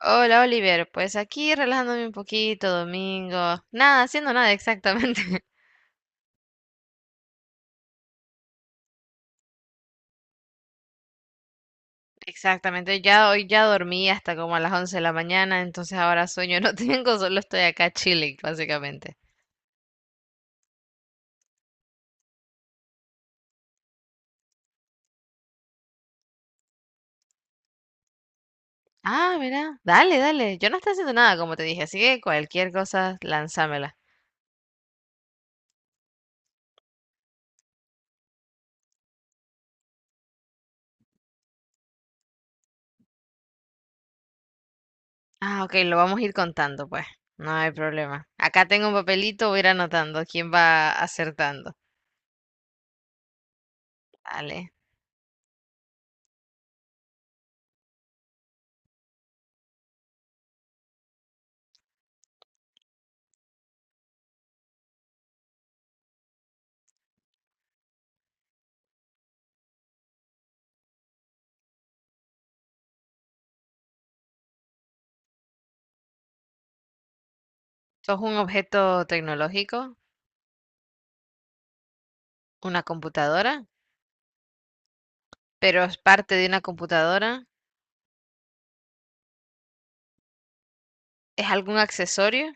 Hola Oliver, pues aquí relajándome un poquito, domingo, nada, haciendo nada exactamente. Exactamente, ya hoy ya dormí hasta como a las 11 de la mañana, entonces ahora sueño no tengo, solo estoy acá chilling, básicamente. Ah, mira, dale, dale, yo no estoy haciendo nada, como te dije, así que cualquier cosa, lánzamela. Ah, ok, lo vamos a ir contando, pues, no hay problema. Acá tengo un papelito, voy a ir anotando quién va acertando. Dale, ¿sos un objeto tecnológico? ¿Una computadora? Pero es parte de una computadora. ¿Es algún accesorio?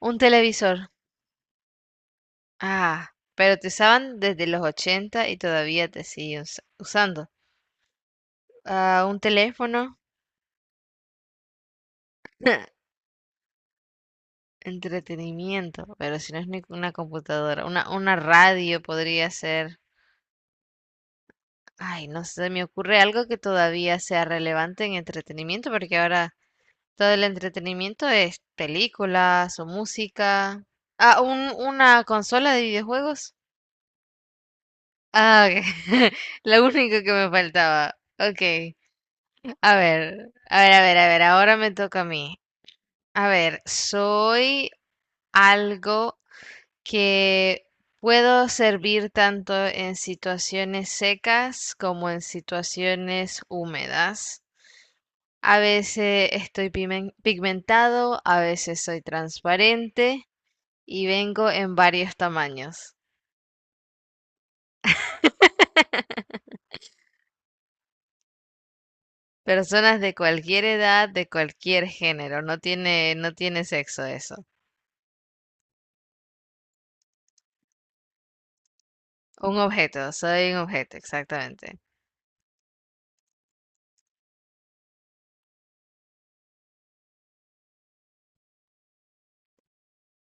Un televisor. Ah, pero te usaban desde los 80 y todavía te siguen usando. Ah, un teléfono. Entretenimiento, pero si no es ni una computadora, una radio podría ser. Ay, no sé, me ocurre algo que todavía sea relevante en entretenimiento, porque ahora todo el entretenimiento es películas o música. Ah, una consola de videojuegos. Ah, ok. Lo único que me faltaba. Ok. A ver, a ver, a ver, a ver. Ahora me toca a mí. A ver, soy algo que puedo servir tanto en situaciones secas como en situaciones húmedas. A veces estoy pigmentado, a veces soy transparente y vengo en varios tamaños. Personas de cualquier edad, de cualquier género, no tiene sexo eso. Un objeto, soy un objeto, exactamente.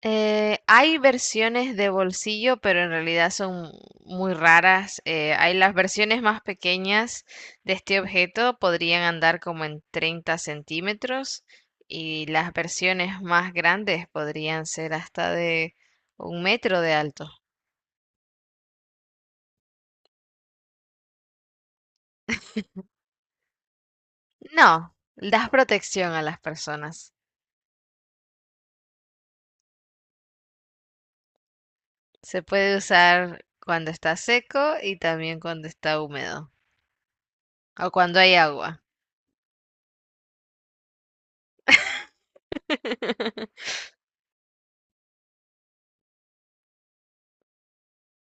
Hay versiones de bolsillo, pero en realidad son muy raras. Hay las versiones más pequeñas de este objeto, podrían andar como en 30 centímetros y las versiones más grandes podrían ser hasta de 1 metro de alto. No, das protección a las personas. Se puede usar cuando está seco y también cuando está húmedo o cuando hay agua.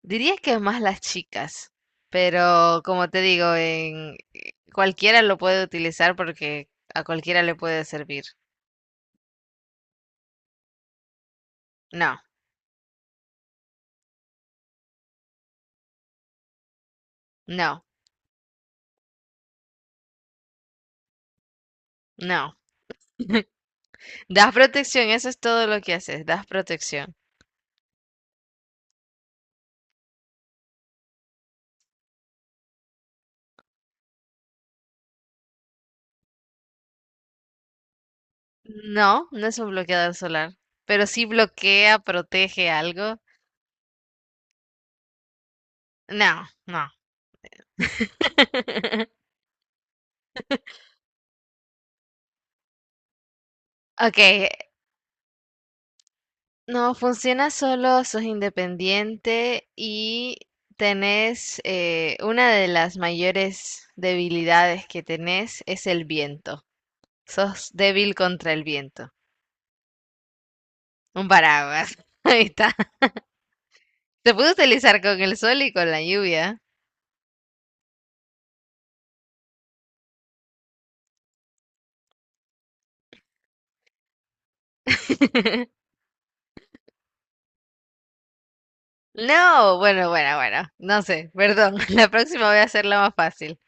Diría que más las chicas, pero como te digo, en cualquiera lo puede utilizar porque a cualquiera le puede servir. No, no, no. Das protección, eso es todo lo que haces, das protección. No, no es un bloqueador solar, pero sí bloquea, protege algo. No, no. Ok, no, funciona solo, sos independiente y tenés una de las mayores debilidades que tenés es el viento. Sos débil contra el viento. Un paraguas. Ahí está. Se puede utilizar con el sol y con la lluvia. No, bueno, bueno, bueno. No sé, perdón. La próxima voy a hacerla más fácil.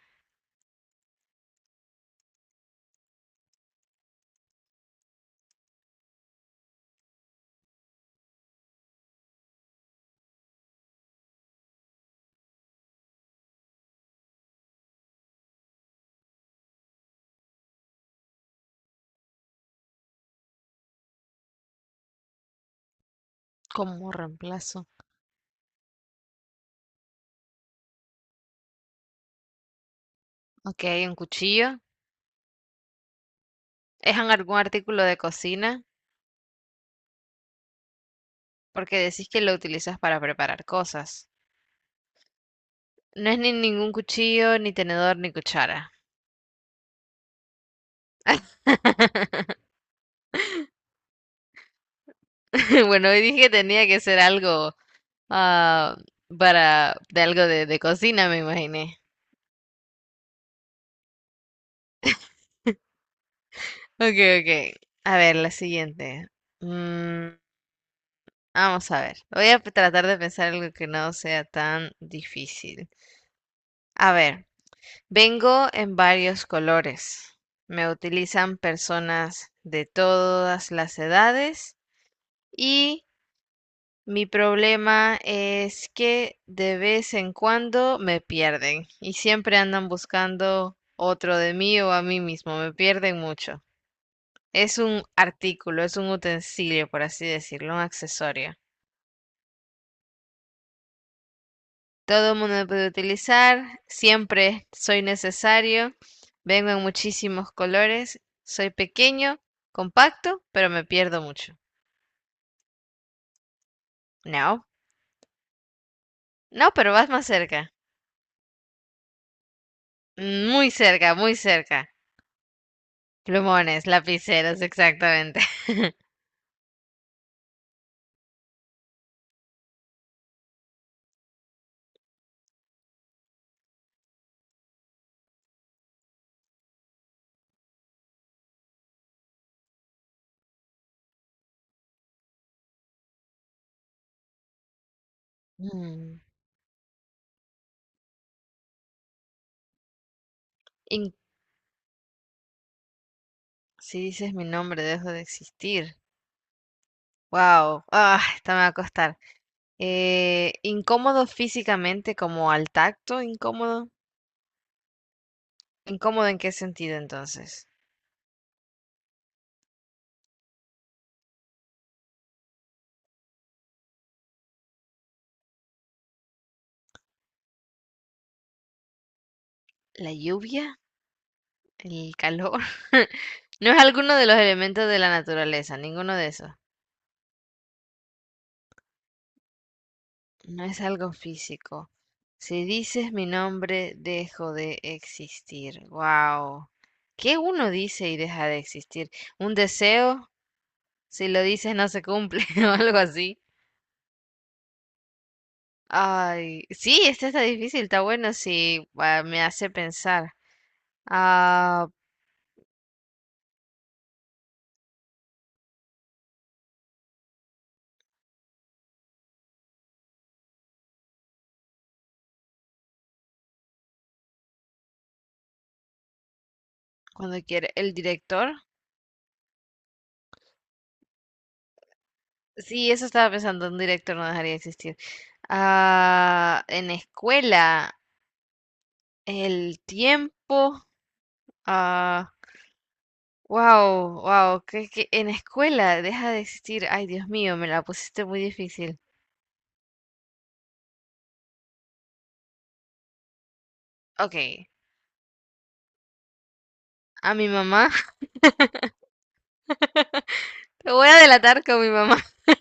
¿Cómo reemplazo? Ok, un cuchillo. ¿Es en algún artículo de cocina? Porque decís que lo utilizas para preparar cosas. No es ni ningún cuchillo, ni tenedor, ni cuchara. Bueno, hoy dije que tenía que ser algo ah, para de algo de cocina, me imaginé. Ok, ok. A ver, la siguiente. Mm, vamos a ver. Voy a tratar de pensar algo que no sea tan difícil. A ver, vengo en varios colores. Me utilizan personas de todas las edades y mi problema es que de vez en cuando me pierden y siempre andan buscando otro de mí o a mí mismo, me pierden mucho. Es un artículo, es un utensilio, por así decirlo, un accesorio. Todo el mundo lo puede utilizar, siempre soy necesario, vengo en muchísimos colores, soy pequeño, compacto, pero me pierdo mucho. No, no, pero vas más cerca, muy cerca, muy cerca. Plumones, lapiceros, exactamente. Mm. In- si dices mi nombre, dejo de existir. Wow, ah, esta me va a costar. Incómodo físicamente como al tacto, incómodo. ¿Incómodo en qué sentido entonces? ¿La lluvia? ¿El calor? No es alguno de los elementos de la naturaleza, ninguno de esos. No es algo físico. Si dices mi nombre, dejo de existir. Wow. ¿Qué uno dice y deja de existir? ¿Un deseo? Si lo dices no se cumple o algo así. Ay, sí, este está difícil, está bueno si me hace pensar. Ah, cuando quiere, ¿el director? Sí, eso estaba pensando, un director no dejaría de existir. Ah, en escuela, el tiempo. Ah. Wow, wow, que en escuela deja de existir. Ay, Dios mío, me la pusiste muy difícil. Ok, a mi mamá. Lo voy a delatar con mi mamá.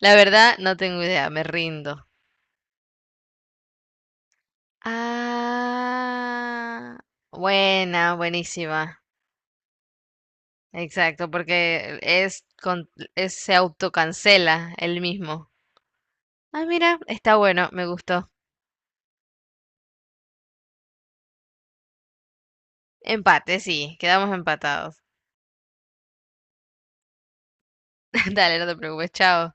La verdad, no tengo idea, me rindo. Ah, buena, buenísima. Exacto, porque se autocancela el mismo. Ah, mira, está bueno, me gustó. Empate, sí, quedamos empatados. Dale, no te preocupes, chao.